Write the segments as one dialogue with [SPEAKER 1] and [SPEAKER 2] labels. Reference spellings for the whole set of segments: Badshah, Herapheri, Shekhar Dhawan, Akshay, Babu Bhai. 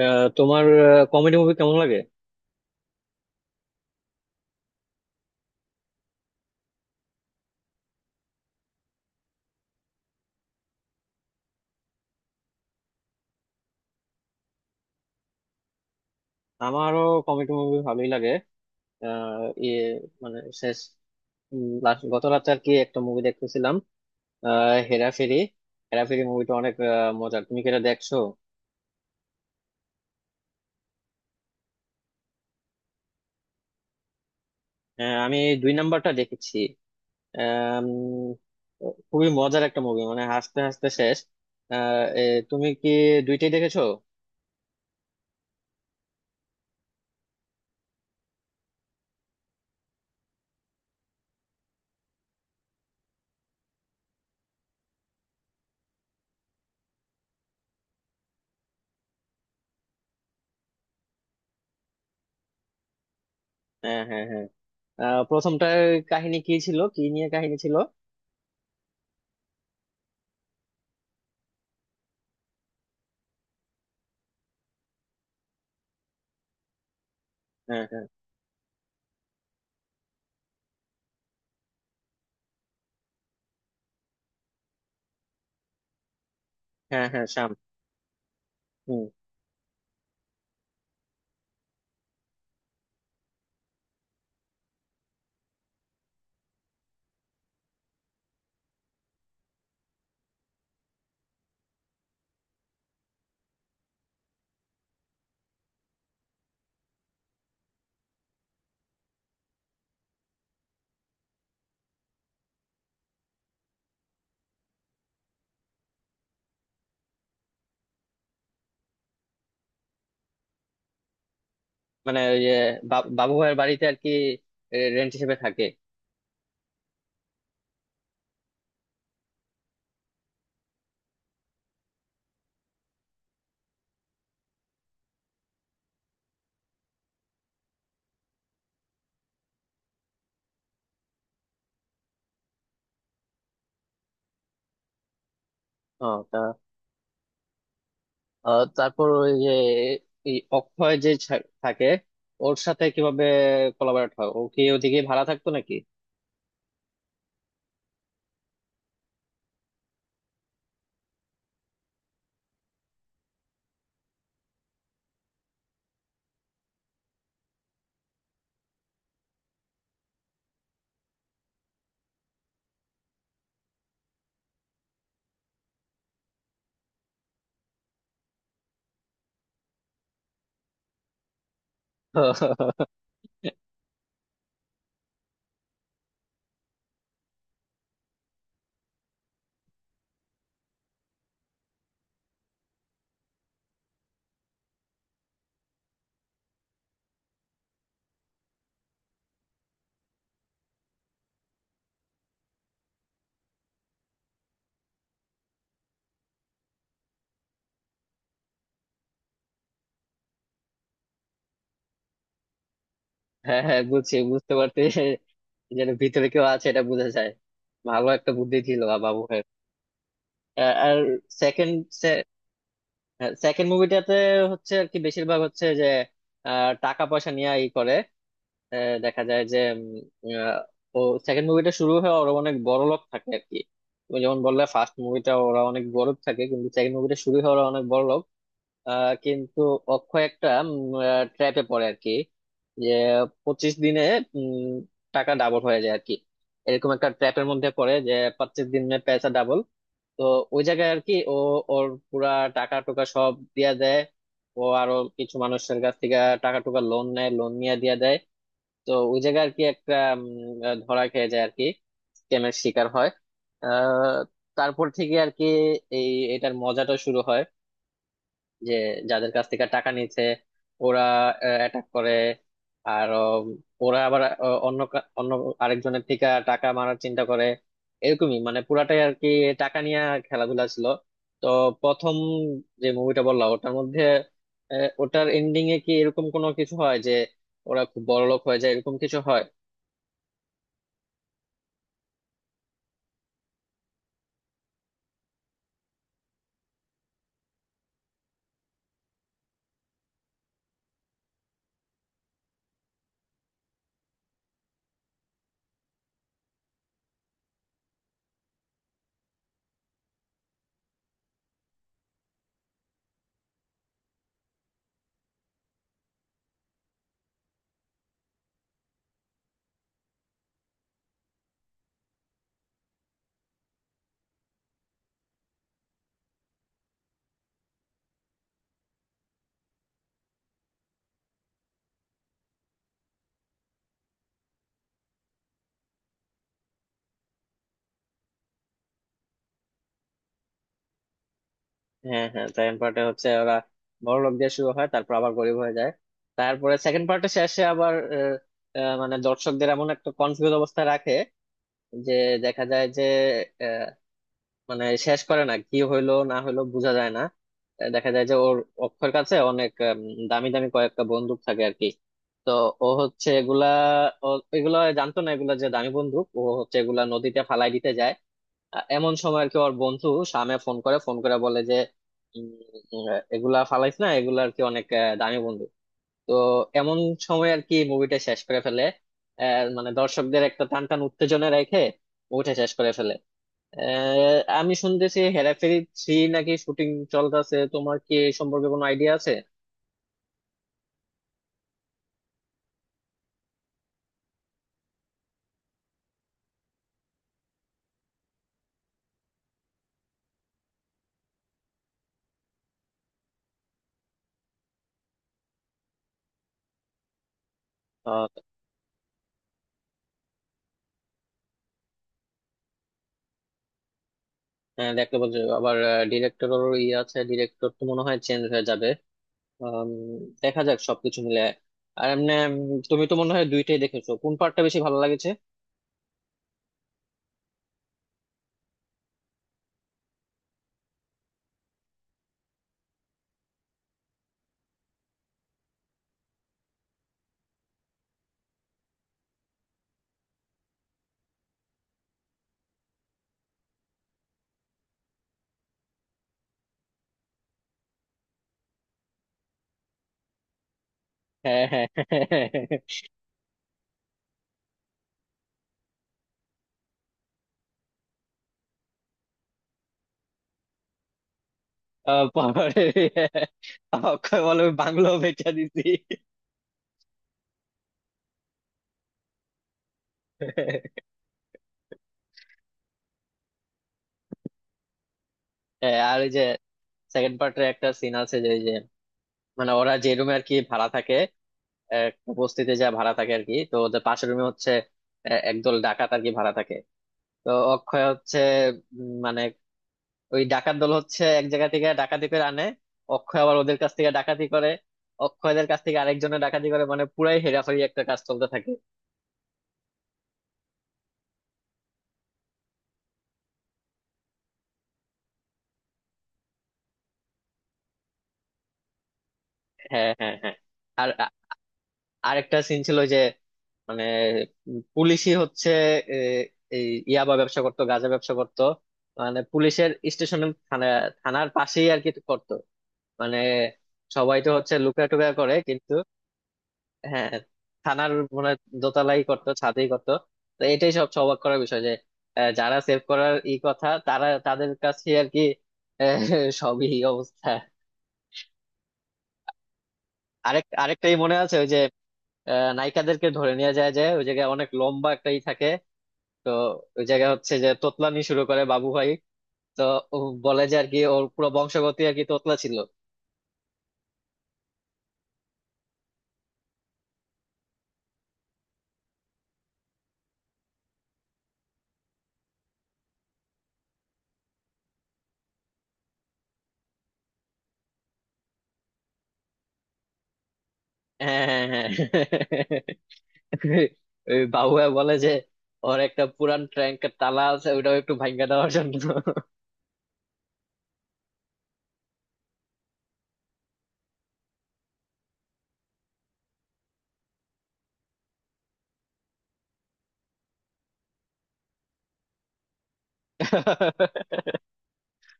[SPEAKER 1] তোমার comedy movie কেমন লাগে? আমারও কমেডি মুভি ভালোই লাগে। আহ, ইয়ে মানে শেষ, গত রাতে আর কি একটা মুভি দেখতেছিলাম, হেরাফেরি। হেরাফেরি মুভিটা অনেক মজার। তুমি কি এটা দেখছো? হ্যাঁ, আমি এই দুই নাম্বারটা দেখেছি। আম, খুবই মজার একটা মুভি, মানে হাসতে হাসতে শেষ। আহ, এ, তুমি কি দুইটাই দেখেছো? হ্যাঁ, হ্যাঁ, হ্যাঁ। প্রথমটার কাহিনী কি ছিল? কি নিয়ে কাহিনী ছিল? হ্যাঁ, হ্যাঁ, হ্যাঁ, হ্যাঁ, শ্যাম। মানে ওই যে বাবু ভাইয়ের বাড়িতে আর কি রেন্ট হিসেবে থাকে। ও তা তারপর ওই যে এই অক্ষয় যে থাকে, ওর সাথে কিভাবে কোলাবরেট হয়? ও কি ওদিকে ভাড়া থাকতো নাকি? হ্যাঁ, হ্যাঁ, বুঝছি, বুঝতে পারছি। যেটা ভিতরে কেউ আছে, এটা বোঝা যায়। ভালো একটা বুদ্ধি ছিল বাবু ভাইয়ের। আর সেকেন্ড সেকেন্ড মুভিটাতে হচ্ছে আর কি, বেশিরভাগ হচ্ছে যে টাকা পয়সা নিয়ে ই করে। দেখা যায় যে উম, আহ, ও সেকেন্ড মুভিটা শুরু হয়ে ওরা অনেক বড় লোক থাকে আর কি। তুমি যেমন বললে, ফার্স্ট মুভিটা ওরা অনেক গরিব থাকে, কিন্তু সেকেন্ড মুভিটা শুরু হয়ে ওরা অনেক বড় লোক। কিন্তু অক্ষয় একটা ট্র্যাপে পড়ে আর কি, যে 25 দিনে উম, টাকা ডাবল হয়ে যায় আর কি। এরকম একটা ট্র্যাপের মধ্যে পড়ে যে 25 দিনে পয়সা ডাবল। তো ওই জায়গায় আর কি ও ওর পুরা টাকা টুকা সব দিয়া দেয়। ও আরো কিছু মানুষের কাছ থেকে টাকা টুকা লোন নেয়, লোন নিয়ে দিয়া দেয়। তো ওই জায়গায় আর কি একটা ধরা খেয়ে যায় আর কি, স্ক্যামের শিকার হয়। আহ, তারপর থেকে আর কি এই এটার মজাটা শুরু হয়, যে যাদের কাছ থেকে টাকা নিচ্ছে ওরা অ্যাটাক করে। আর ওরা আবার অন্য আরেকজনের থেকে টাকা মারার চিন্তা করে। এরকমই, মানে পুরাটাই আর কি টাকা নিয়ে খেলাধুলা ছিল। তো প্রথম যে মুভিটা বললাম ওটার মধ্যে ওটার এন্ডিং এ কি এরকম কোনো কিছু হয় যে ওরা খুব বড়লোক হয়ে যায়? এরকম কিছু হয়? হ্যাঁ, হ্যাঁ, সেকেন্ড পার্টে হচ্ছে ওরা বড় লোক দিয়ে শুরু হয়, তারপর আবার গরিব হয়ে যায়। তারপরে সেকেন্ড পার্টে শেষে আবার আহ, আহ, মানে দর্শকদের এমন একটা কনফিউজ অবস্থায় রাখে যে দেখা যায় যে আহ, মানে শেষ করে না, কি হইলো না হইলো বোঝা যায় না। দেখা যায় যে ওর অক্ষর কাছে অনেক দামি দামি কয়েকটা বন্দুক থাকে আর কি। তো ও হচ্ছে এগুলা এগুলা জানতো না এগুলা যে দামি বন্দুক। ও হচ্ছে এগুলা নদীতে ফালাই দিতে যায়, এমন সময় আর কি ওর বন্ধু সামে ফোন করে। বলে যে উম, এগুলা ফালাইস না, এগুলা আর কি অনেক দামি বন্ধু। তো এমন সময় আর কি মুভিটা শেষ করে ফেলে। মানে দর্শকদের একটা টান টান উত্তেজনা রেখে মুভিটা শেষ করে ফেলে। আমি শুনতেছি হেরাফেরি থ্রি নাকি শুটিং চলতেছে। তোমার কি এই সম্পর্কে কোনো আইডিয়া আছে? আহ, হ্যাঁ, দেখতে বলছো আবার। ডিরেক্টরও ই আছে, ডিরেক্টর তো মনে হয় চেঞ্জ হয়ে যাবে। আম, দেখা যাক সবকিছু মিলে। আর এমনি তুমি তো মনে হয় দুইটাই দেখেছো, কোন পার্টটা বেশি ভালো লাগেছে? হ্যাঁ, হ্যাঁ, পাহাড়ে। অক্ষয় বলে, "ওই বাংলো বেচা দিছি।" হ্যাঁ, আর ওই যে সেকেন্ড পার্টের একটা সিন আছে, যে ওই যে মানে ওরা যে রুমে আর কি ভাড়া থাকে, একটা বস্তিতে যা ভাড়া থাকে আর কি, তো ওদের পাশের রুমে হচ্ছে একদল ডাকাত আর কি ভাড়া থাকে। তো অক্ষয় হচ্ছে মানে ওই ডাকাত দল হচ্ছে এক জায়গা থেকে ডাকাতি করে আনে, অক্ষয় আবার ওদের কাছ থেকে ডাকাতি করে, অক্ষয়দের কাছ থেকে আরেকজনের ডাকাতি করে, মানে পুরাই হেরাফেরি একটা কাজ চলতে থাকে। হ্যাঁ, হ্যাঁ, হ্যাঁ। আর আরেকটা সিন ছিল যে মানে পুলিশই হচ্ছে এ, এই ইয়াবা ব্যবসা করতো, গাঁজা ব্যবসা করতো, মানে পুলিশের স্টেশনের থানার পাশেই আর কি করতো। মানে সবাই তো হচ্ছে লুকা টুকা করে, কিন্তু হ্যাঁ, থানার মানে দোতলাই করতো, ছাদেই করতো। তো এটাই সব অবাক করার বিষয় যে যারা সেভ করার ই কথা তারা, তাদের কাছে আর কি আহ, সবই এই অবস্থা। আরেকটাই মনে আছে, ওই যে নায়িকাদেরকে ধরে নিয়ে যায় যে ওই জায়গায় অনেক লম্বা একটাই থাকে। তো ওই জায়গায় হচ্ছে যে তোতলানি শুরু করে বাবু ভাই। তো ও বলে যে আর কি ওর পুরো বংশগতি আর কি তোতলা ছিল। হ্যাঁ, হ্যাঁ, হ্যাঁ। ওই বাবুয়া বলে যে ওর একটা পুরান ট্যাঙ্কের তালা আছে, ওইটাও একটু ভাঙা দেওয়ার জন্য।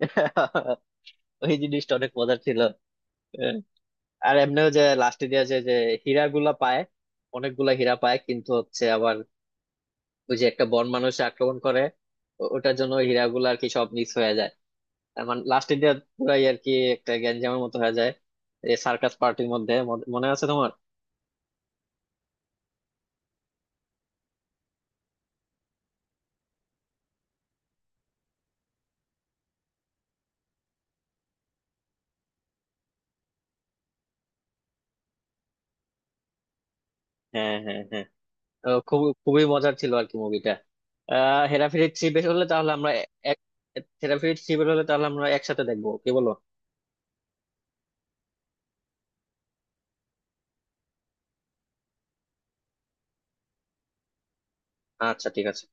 [SPEAKER 1] ওই জিনিসটা অনেক মজার ছিল। আর এমনিও যে লাস্টে দিয়ে যে যে হীরা গুলা পায়, অনেকগুলা হীরা পায়, কিন্তু হচ্ছে আবার ওই যে একটা বন মানুষ আক্রমণ করে, ওটার জন্য ওই হীরা গুলা আর কি সব মিস হয়ে যায়। তার মানে লাস্টে দিয়ে পুরাই আর কি একটা গ্যাঞ্জামের মতো হয়ে যায়। এই সার্কাস পার্টির মধ্যে মনে মনে আছে তোমার? হ্যাঁ, হ্যাঁ, হ্যাঁ। খুবই মজার ছিল আর কি মুভিটা। হেরাফেরি থ্রি বের হলে তাহলে আমরা এক হেরাফেরি থ্রি বের হলে তাহলে আমরা একসাথে দেখবো, কি বলো? আচ্ছা, ঠিক আছে।